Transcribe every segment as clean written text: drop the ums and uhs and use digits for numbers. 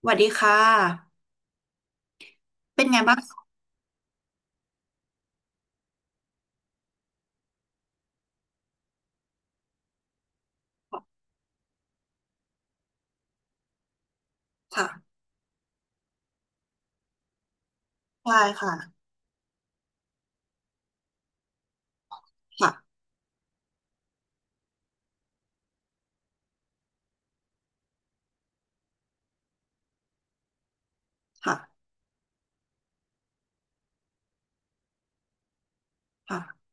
สวัสดีค่ะ เป็นไงบ้างคะค่ะใช่ค่ะ ค่ะ ค่ะ ค่ะ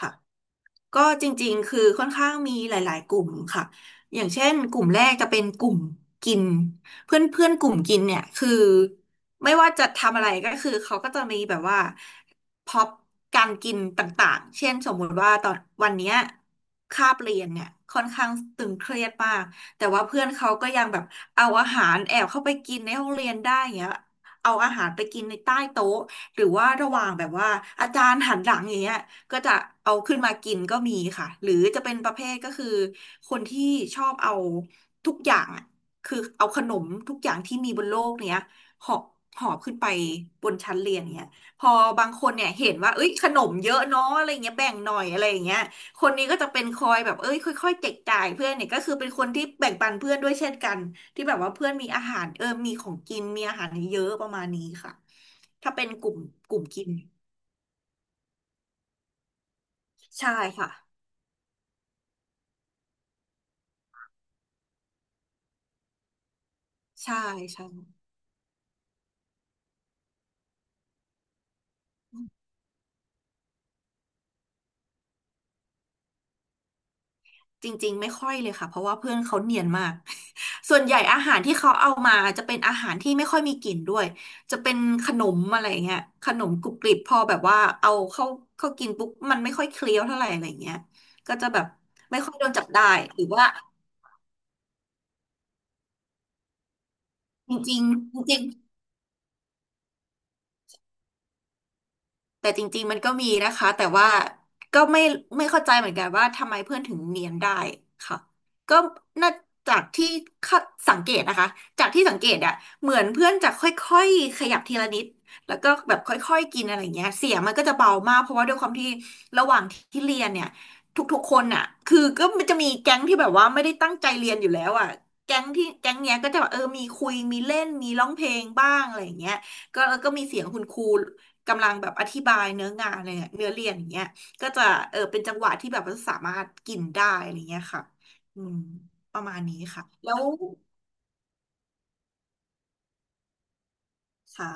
ค่ะ ก็จริงๆคือค่อนข้างมีหลายๆกลุ่มค่ะอย่างเช่นกลุ่มแรกจะเป็นกลุ่มกินเพื่อนเพื่อนกลุ่มกินเนี่ยคือไม่ว่าจะทำอะไรก็คือเขาก็จะมีแบบว่าพ็อปการกินต่างๆเช่นสมมุติว่าตอนวันเนี้ยคาบเรียนเนี่ยค่อนข้างตึงเครียดมากแต่ว่าเพื่อนเขาก็ยังแบบเอาอาหารแอบเข้าไปกินในห้องเรียนได้อย่างเงี้ยเอาอาหารไปกินในใต้โต๊ะหรือว่าระหว่างแบบว่าอาจารย์หันหลังอย่างเงี้ย ก็จะเอาขึ้นมากินก็มีค่ะหรือจะเป็นประเภทก็คือคนที่ชอบเอาทุกอย่างอะคือเอาขนมทุกอย่างที่มีบนโลกเนี้ยหอบหอบขึ้นไปบนชั้นเรียนเนี้ยพอบางคนเนี่ยเห็นว่าเอ้ยขนมเยอะเนาะอะไรเงี้ยแบ่งหน่อยอะไรอย่างเงี้ยคนนี้ก็จะเป็นคอยแบบเอ้ยค่อยๆแจกจ่ายเพื่อนเนี่ยก็คือเป็นคนที่แบ่งปันเพื่อนด้วยเช่นกันที่แบบว่าเพื่อนมีอาหารมีของกินมีอาหารเยอะประมาณนี้ค่ะถ้าเป็นกลุ่มกลุ่มกินใช่ค่ะ ใช่ใช่จริงๆไม่ค่อยเลยค่ะเพราะว่าเพื่อนเขาเนียนมาก ส่วนใหญ่อาหารที่เขาเอามาจะเป็นอาหารที่ไม่ค่อยมีกลิ่นด้วยจะเป็นขนมอะไรเงี้ยขนมกรุบกริบพอแบบว่าเอาเข้ากินปุ๊บมันไม่ค่อยเคี้ยวเท่าไหร่อะไรเงี้ยก็จะแบบไม่ค่อยโดนจับได้หรือว่าจริงๆจริง แต่จริงๆมันก็มีนะคะแต่ว่าก็ไม่เข้าใจเหมือนกันว่าทำไมเพื่อนถึงเนียนได้ค่ะก็น่าจากที่คาดสังเกตนะคะจากที่สังเกตอะเหมือนเพื่อนจะค่อยๆขยับทีละนิดแล้วก็แบบค่อยๆกินอะไรอย่างเงี้ยเสียงมันก็จะเบามากเพราะว่าด้วยความที่ระหว่างที่เรียนเนี่ยทุกๆคนอะคือก็มันจะมีแก๊งที่แบบว่าไม่ได้ตั้งใจเรียนอยู่แล้วอะแก๊งที่แก๊งเนี้ยก็จะแบบมีคุยมีเล่นมีร้องเพลงบ้างอะไรอย่างเงี้ยก็แล้วก็มีเสียงคุณครู กำลังแบบอธิบายเนื้องานอะไรเนียเนื้อเรียนอย่างเงี้ยก็จะเป็นจังหวะที่แบบว่าสามารถกินได้อะไรเงี้ยค่ะอืมประมาณนี้ค่ะแล้วค่ะ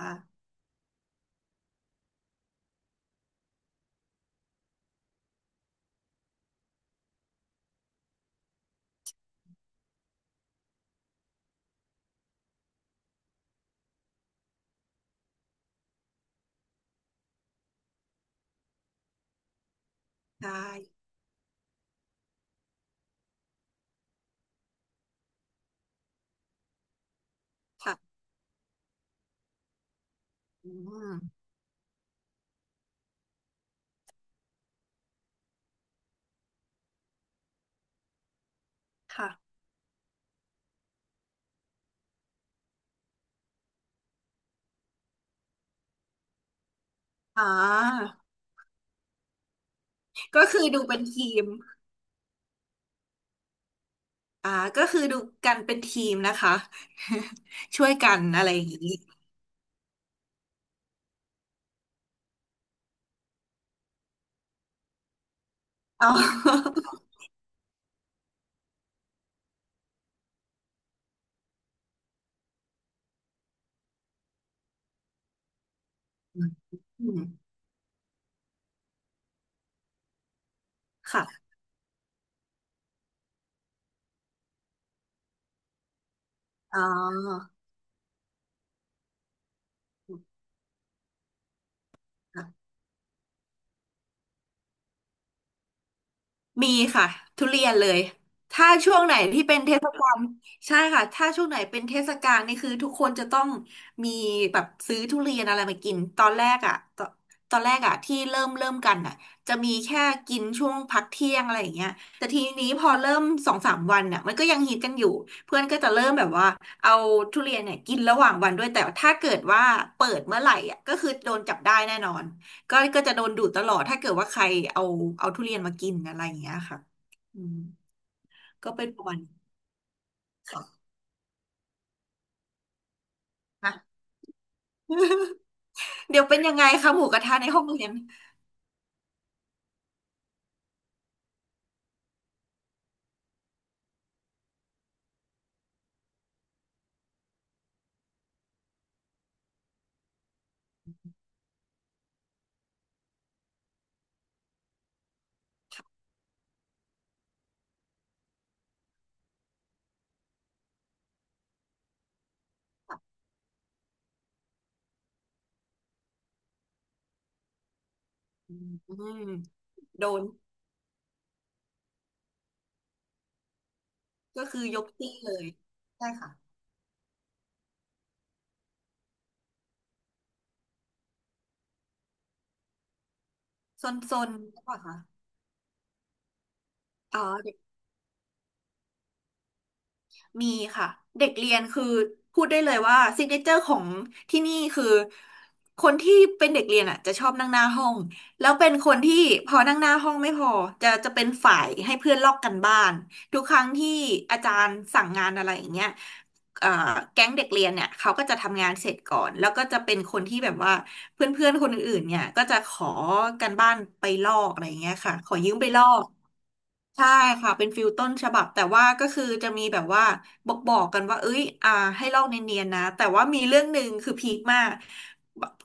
ได้ค่ะอืมค่ะอ่าก็คือดูเป็นทีมอ่าก็คือดูกันเป็นทีมนะคะ ช่วยกันอะไรอย่างนี้อ๋อ อืมค่ะอ๋อ มีค่ะทุเรียนเลยถ้าช่วงไหนที่เป็นเทศกาลใช่ค่ะถ้าช่วงไหนเป็นเทศกาลนี่คือทุกคนจะต้องมีแบบซื้อทุเรียนอะไรมากินตอนแรกอ่ะตอนตอนแรกอ่ะที่เริ่มกันอ่ะจะมีแค่กินช่วงพักเที่ยงอะไรอย่างเงี้ยแต่ทีนี้พอเริ่มสองสามวันอ่ะมันก็ยังฮิตกันอยู่เพื่อนก็จะเริ่มแบบว่าเอาทุเรียนเนี่ยกินระหว่างวันด้วยแต่ถ้าเกิดว่าเปิดเมื่อไหร่อ่ะก็คือโดนจับได้แน่นอน ก็จะโดนดูดตลอดถ้าเกิดว่าใครเอาเอาทุเรียนมากินอะไรอย่างเงี้ยค่ะอืมก็เป็นประมาณนี้ค่ะ อ่ะ เดี๋ยวเป็นยังไงคะหมูกระทะในห้องเรียนอืมโดนก็คือยกตี้เลย ใช่ค่ะซนๆนใช่ปล่ะคะอ๋อ มีค่ะเด็กเรียนคือพูดได้เลยว่าซิกเนเจอร์ของที่นี่คือคนที่เป็นเด็กเรียนอ่ะจะชอบนั่งหน้าห้องแล้วเป็นคนที่พอนั่งหน้าห้องไม่พอจะเป็นฝ่ายให้เพื่อนลอกกันบ้านทุกครั้งที่อาจารย์สั่งงานอะไรอย่างเงี้ยเอ่อแก๊งเด็กเรียนเนี่ยเขาก็จะทำงานเสร็จก่อนแล้วก็จะเป็นคนที่แบบว่าเพื่อนๆคนอื่นๆเนี่ยก็จะขอกันบ้านไปลอกอะไรอย่างเงี้ยค่ะขอยืมไปลอก ใช่ค่ะเป็นฟิลต้นฉบับแต่ว่าก็คือจะมีแบบว่าบอกกันว่าเอ้ยให้ลอกเนียนๆนะแต่ว่ามีเรื่องหนึ่งคือพีคมาก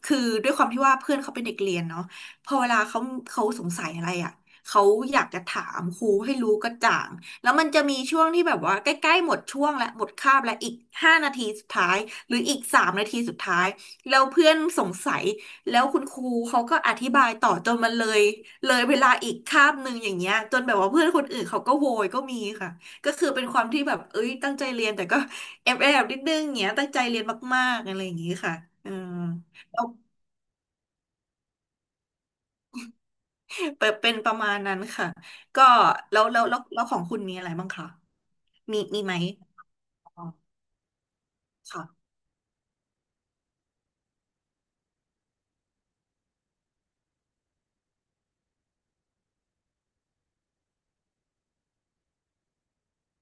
คือด้วยความที่ว่าเพื่อนเขาเป็นเด็กเรียนเนาะพอเวลาเขาเขาสงสัยอะไรอ่ะเขาอยากจะถามครูให้รู้กระจ่างแล้วมันจะมีช่วงที่แบบว่าใกล้ๆหมดช่วงและหมดคาบและอีก5 นาทีสุดท้ายหรืออีก3 นาทีสุดท้ายแล้วเพื่อนสงสัย แล้วคุณครูเขาก็อธิบายต่อจนมันเลยเวลาอีกคาบหนึ่งอย่างเงี้ยจนแบบว่าเพื่อนคนอื่นเขาก็โวยก็มีค่ะก็คือเป็นความที่แบบเอ้ยตั้งใจเรียนแต่ก็แอบนิดนึงอย่างเงี้ยตั้งใจเรียนมากๆอะไรอย่างงี้ค่ะอืมแล้วเป็นประมาณนั้นค่ะก็แล้วของคุณมีอะไรบ้างคะมีไหมอ๋อค่ะ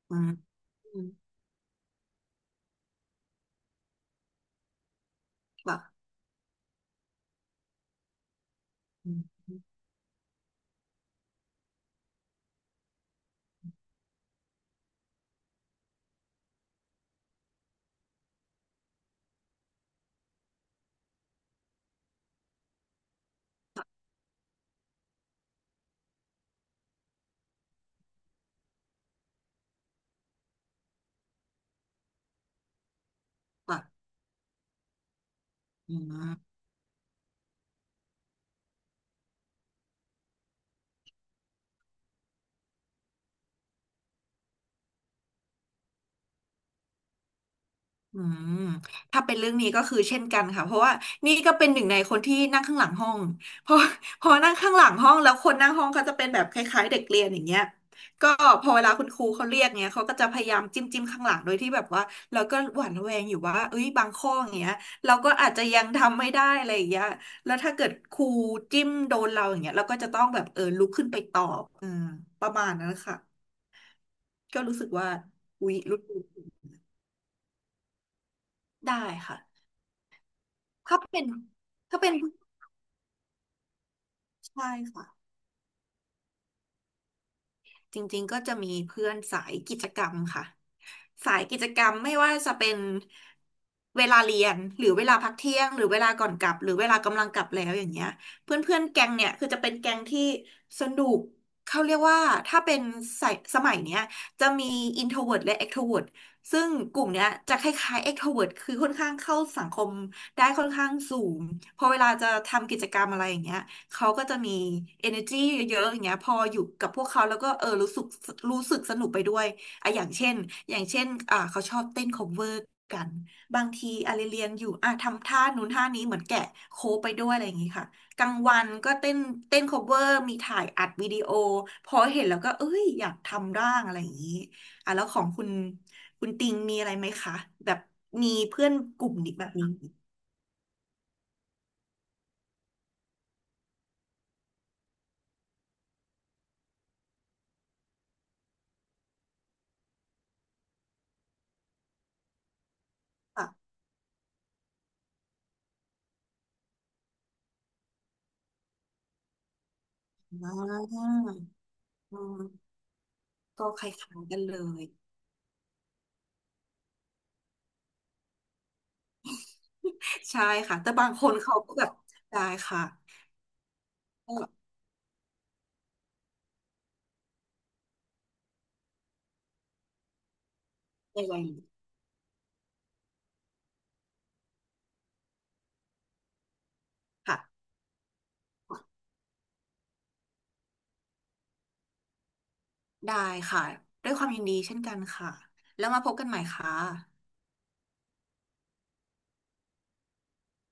อืมอืมค่ะอืมค่ะอืม อืมถ้าเป็นเรื่องนี้ก็คือเช่นกันค่ะเพราะว่านี่ก็เป็นหนึ่งในคนที่นั่งข้างหลังห้องเพราะ พอนั่งข้างหลังห้องแล้วคนนั่งห้องเขาจะเป็นแบบคล้ายๆเด็กเรียนอย่างเงี้ยก็พอเวลาคุณครูเขาเรียกเงี้ยเขาก็จะพยายามจิ้มข้างหลังโดยที่แบบว่าเราก็หวั่นระแวงอยู่ว่าเอ้ยบางข้ออย่างเงี้ยเราก็อาจจะยังทำไม่ได้อะไรอย่างเงี้ยแล้วถ้าเกิดครูจิ้มโดนเราอย่างเงี้ยเราก็จะต้องแบบเออลุกขึ้นไปตอบอืมประมาณนั้นค่ะก็รู้สึกว่าอุ๊ยรู้สึกได้ค่ะ ถ้าเป็นถ้าเป็นผู้ชายค่ะจริงๆก็จะมีเพื่อนสายกิจกรรมค่ะสายกิจกรรมไม่ว่าจะเป็นเวลาเรียนหรือเวลาพักเที่ยงหรือเวลาก่อนกลับหรือเวลากำลังกลับแล้วอย่างเงี้ยเพื่อนๆแก๊งเนี่ยคือจะเป็นแก๊งที่สนุกเขาเรียกว่าถ้าเป็นสายสมัยเนี้ยจะมี introvert และ extrovert ซึ่งกลุ่มเนี้ยจะคล้ายๆ extrovert คือค่อนข้างเข้าสังคมได้ค่อนข้างสูงพอเวลาจะทำกิจกรรมอะไรอย่างเงี้ย เขาก็จะมี energy เยอะๆอย่างเงี้ยพออยู่กับพวกเขาแล้วก็เออรู้สึกสนุกไปด้วยอ่ะอย่างเช่นอย่างเช่นเขาชอบเต้น cover กัน บางทีอะไรเรียนอยู่อ่ะทำท่านู้นท่านี้เหมือนแกะโค้ไปด้วยอะไรอย่างงี้ค่ะกลางวันก็เต้นเต้น cover มีถ่ายอัดวิดีโอ พอเห็นแล้วก็เอ้ยอยากทำร่างอะไรอย่างงี้อ่ะแล้วของคุณคุณติงมีอะไรไหมคะแบบมีเพื่อนกลุ่มนี้แบบนี้หรือเปล่ะอ่า ก็คล้ายๆกันเลยใช่ค่ะแต่บางคนเขาก็แบบได้ค่ะก็ยังไงค่ะได้ค่ะด้วยความยินดีเช่นกันค่ะแล้วมาพบกันใหม่ค่ะ